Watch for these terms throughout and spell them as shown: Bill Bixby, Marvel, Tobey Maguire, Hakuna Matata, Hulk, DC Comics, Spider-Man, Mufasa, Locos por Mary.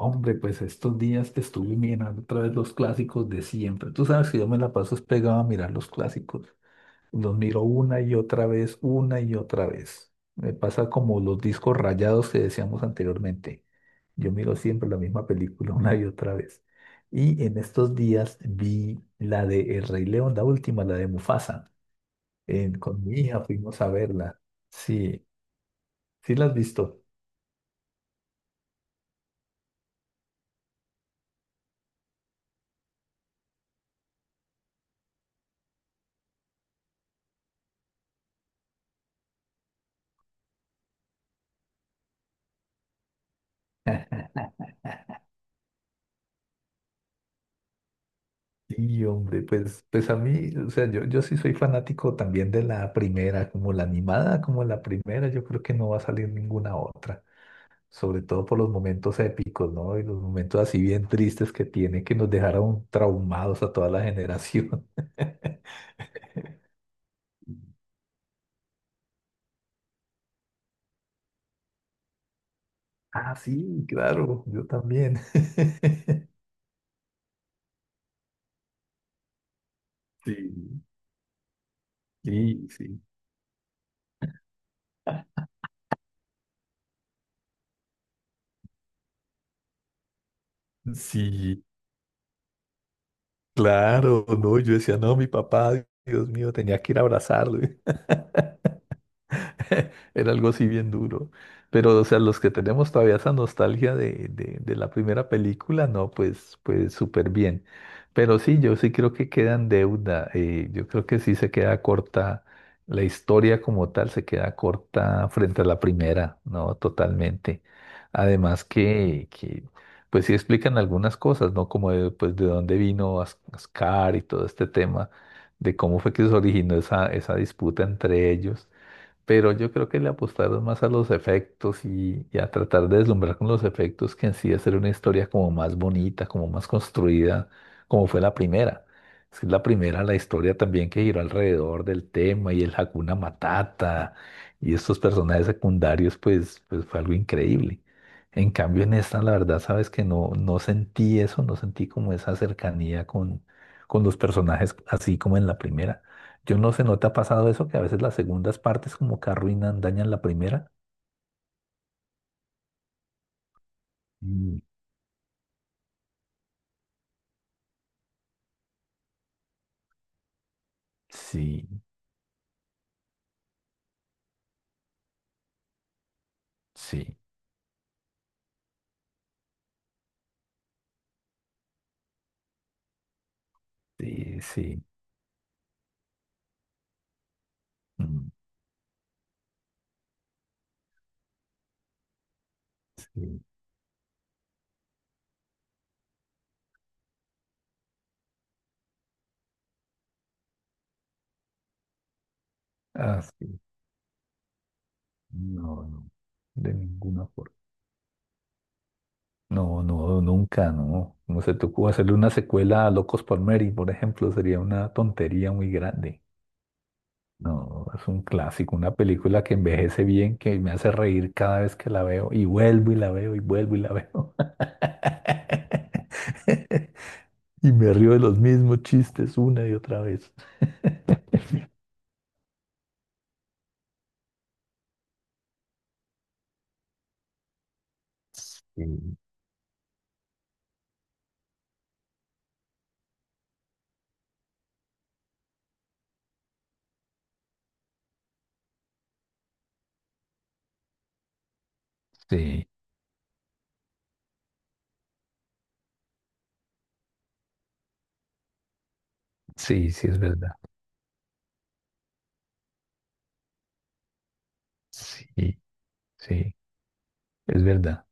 Hombre, pues estos días que estuve mirando otra vez los clásicos de siempre. Tú sabes que yo me la paso es pegado a mirar los clásicos. Los miro una y otra vez, una y otra vez. Me pasa como los discos rayados que decíamos anteriormente. Yo miro siempre la misma película una y otra vez. Y en estos días vi la de El Rey León, la última, la de Mufasa. Con mi hija fuimos a verla. Sí, sí la has visto. Sí, hombre, pues a mí, o sea, yo sí soy fanático también de la primera, como la animada, como la primera, yo creo que no va a salir ninguna otra, sobre todo por los momentos épicos, ¿no? Y los momentos así bien tristes que tiene, que nos dejaron traumados a toda la generación. Ah, sí, claro, yo también. Sí, sí, sí. Sí, claro, no, yo decía, no, mi papá, Dios mío, tenía que ir a abrazarlo. Era algo así bien duro. Pero, o sea, los que tenemos todavía esa nostalgia de la primera película, no, pues, pues súper bien. Pero sí, yo sí creo que queda en deuda. Yo creo que sí se queda corta. La historia como tal se queda corta frente a la primera, ¿no? Totalmente. Además que pues sí explican algunas cosas, ¿no? Como de, pues, de dónde vino Ascar y todo este tema, de cómo fue que se originó esa disputa entre ellos, pero yo creo que le apostaron más a los efectos y a tratar de deslumbrar con los efectos que en sí hacer una historia como más bonita, como más construida, como fue la primera. Es que la primera, la historia también que giró alrededor del tema y el Hakuna Matata y estos personajes secundarios, pues, pues fue algo increíble. En cambio, en esta, la verdad, sabes que no, no sentí eso, no sentí como esa cercanía con los personajes así como en la primera. Yo no sé, ¿no te ha pasado eso? Que a veces las segundas partes como que arruinan, dañan la primera. Mm. Sí, sí. Sí, sí. Mm, sí. Ah, sí. No, no. De ninguna forma. No, no, nunca, no. No se te ocurre hacerle una secuela a Locos por Mary, por ejemplo, sería una tontería muy grande. No, es un clásico, una película que envejece bien, que me hace reír cada vez que la veo, y vuelvo y la veo, y vuelvo y la veo. Y me río de los mismos chistes una y otra vez. Sí, sí, sí, sí, es verdad. Sí, sí, es verdad.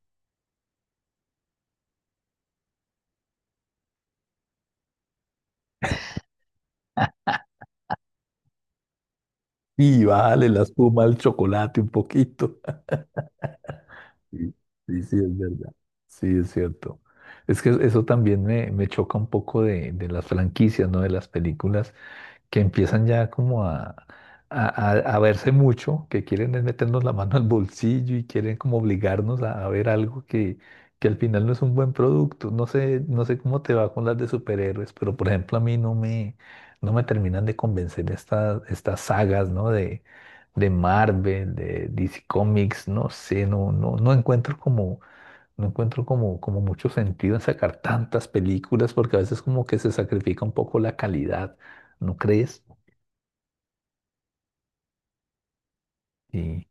Y bájale la espuma al chocolate un poquito. Sí, sí, sí, es verdad. Sí, es cierto. Es que eso también me choca un poco de las franquicias, ¿no? De las películas, que empiezan ya como a, a- a verse mucho, que quieren es meternos la mano al bolsillo y quieren como obligarnos a ver algo que al final no es un buen producto. No sé, no sé cómo te va con las de superhéroes, pero por ejemplo a mí no me terminan de convencer estas sagas, ¿no? De Marvel, de DC Comics, no sé, no, no, no encuentro como... No encuentro como, como mucho sentido en sacar tantas películas porque a veces como que se sacrifica un poco la calidad, ¿no crees? Sí,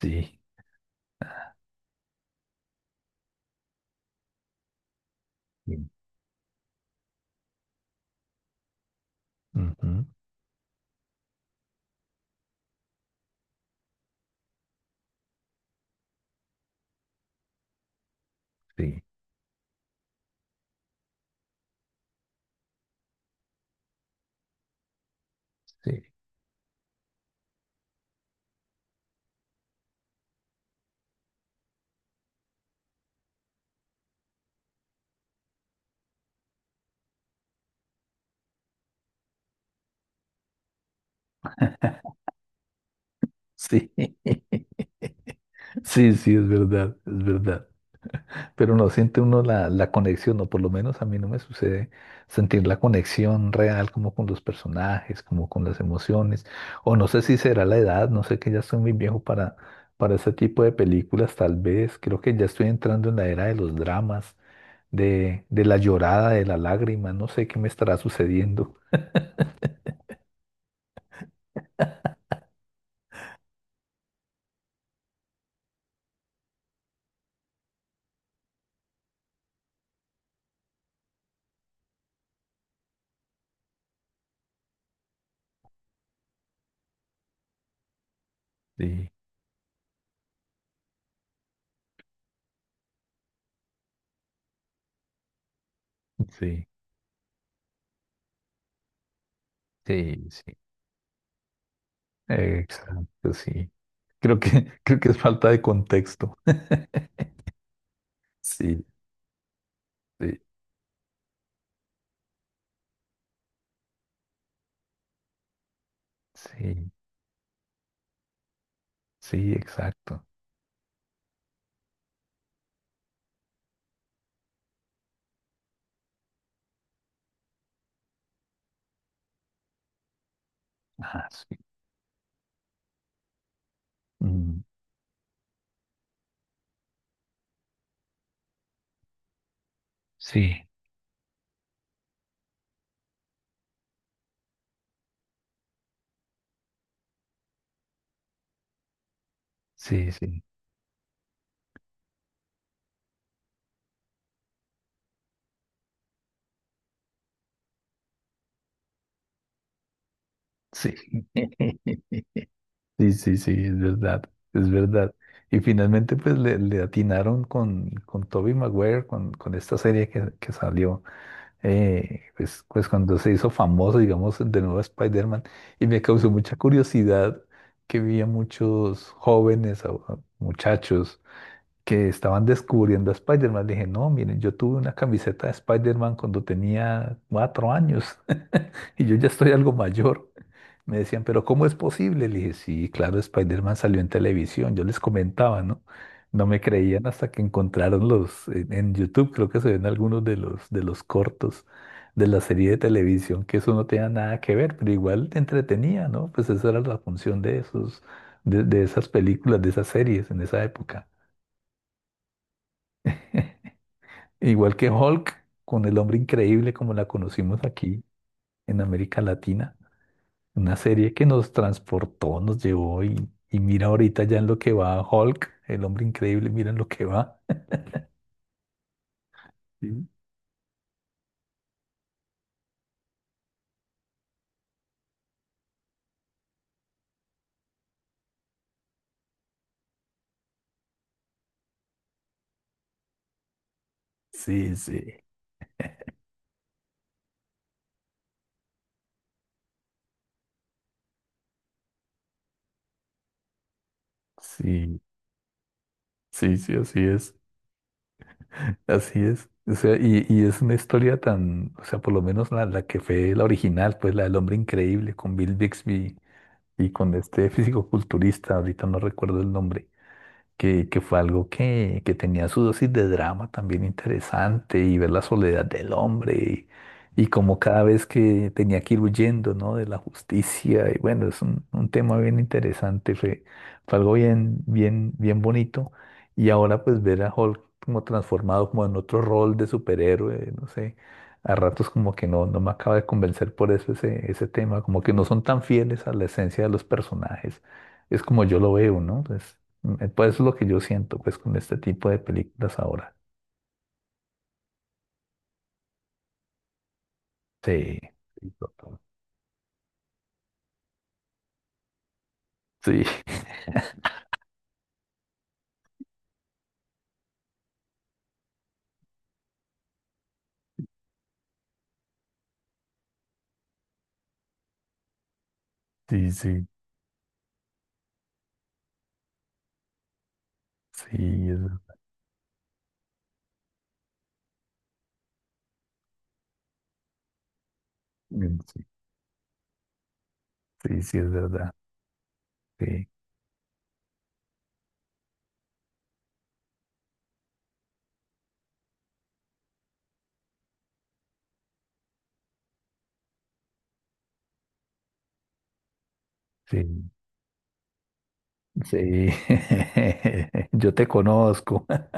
sí, sí, ujú, sí, sí, sí, sí, sí, es verdad, es verdad. Pero no siente uno la, la conexión, o por lo menos a mí no me sucede sentir la conexión real como con los personajes, como con las emociones, o no sé si será la edad, no sé que ya estoy muy viejo para ese tipo de películas, tal vez, creo que ya estoy entrando en la era de los dramas, de la llorada, de la lágrima, no sé qué me estará sucediendo. Sí, sí, sí, sí. Exacto, sí. Creo que, creo que es falta de contexto. Sí, sí, sí, sí, exacto. Ah, sí. Mm, sí, sí, sí, sí. Sí, sí, sí, es verdad, es verdad. Y finalmente, pues le atinaron con Tobey Maguire, con esta serie que salió, pues, pues cuando se hizo famoso, digamos, de nuevo Spider-Man. Y me causó mucha curiosidad que vi a muchos jóvenes, a muchachos que estaban descubriendo a Spider-Man. Le dije, no, miren, yo tuve una camiseta de Spider-Man cuando tenía cuatro años y yo ya estoy algo mayor. Me decían, pero ¿cómo es posible? Le dije, sí, claro, Spider-Man salió en televisión. Yo les comentaba, ¿no? No me creían hasta que encontraron en YouTube creo que se ven algunos de los cortos de la serie de televisión, que eso no tenía nada que ver, pero igual te entretenía, ¿no? Pues esa era la función de esos, de esas películas, de esas series en esa época. Igual que Hulk, con el hombre increíble como la conocimos aquí en América Latina, una serie que nos transportó, nos llevó y mira ahorita ya en lo que va Hulk, el hombre increíble, mira en lo que va. Sí, sí, sí, sí, sí, sí, así es, así es. O sea, y es una historia tan, o sea, por lo menos la, la que fue la original, pues la del hombre increíble con Bill Bixby y con este físico-culturista, ahorita no recuerdo el nombre, que fue algo que tenía su dosis de drama también interesante y ver la soledad del hombre y como cada vez que tenía que ir huyendo, ¿no? De la justicia y bueno, es un tema bien interesante, fue, fue algo bien, bien, bien bonito y ahora pues ver a Hulk como transformado como en otro rol de superhéroe, no sé. A ratos como que no, no me acaba de convencer por eso ese, ese tema, como que no son tan fieles a la esencia de los personajes. Es como yo lo veo, ¿no? Pues, mm, pues es lo que yo siento, pues, con este tipo de películas ahora. Sí, sí, total. Sí, sí, sí, sí, es- mm, sí, sí, sí, es verdad. Sí, sí, sí. Yo te conozco.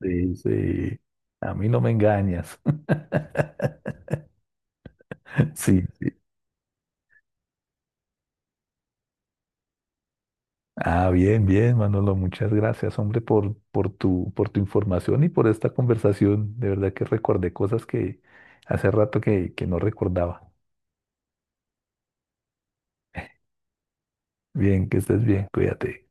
Sí, sí. A mí no me engañas. Sí, sí. Ah, bien, bien, Manolo. Muchas gracias, hombre, por tu información y por esta conversación. De verdad que recordé cosas que hace rato que no recordaba. Bien, que estés bien. Cuídate.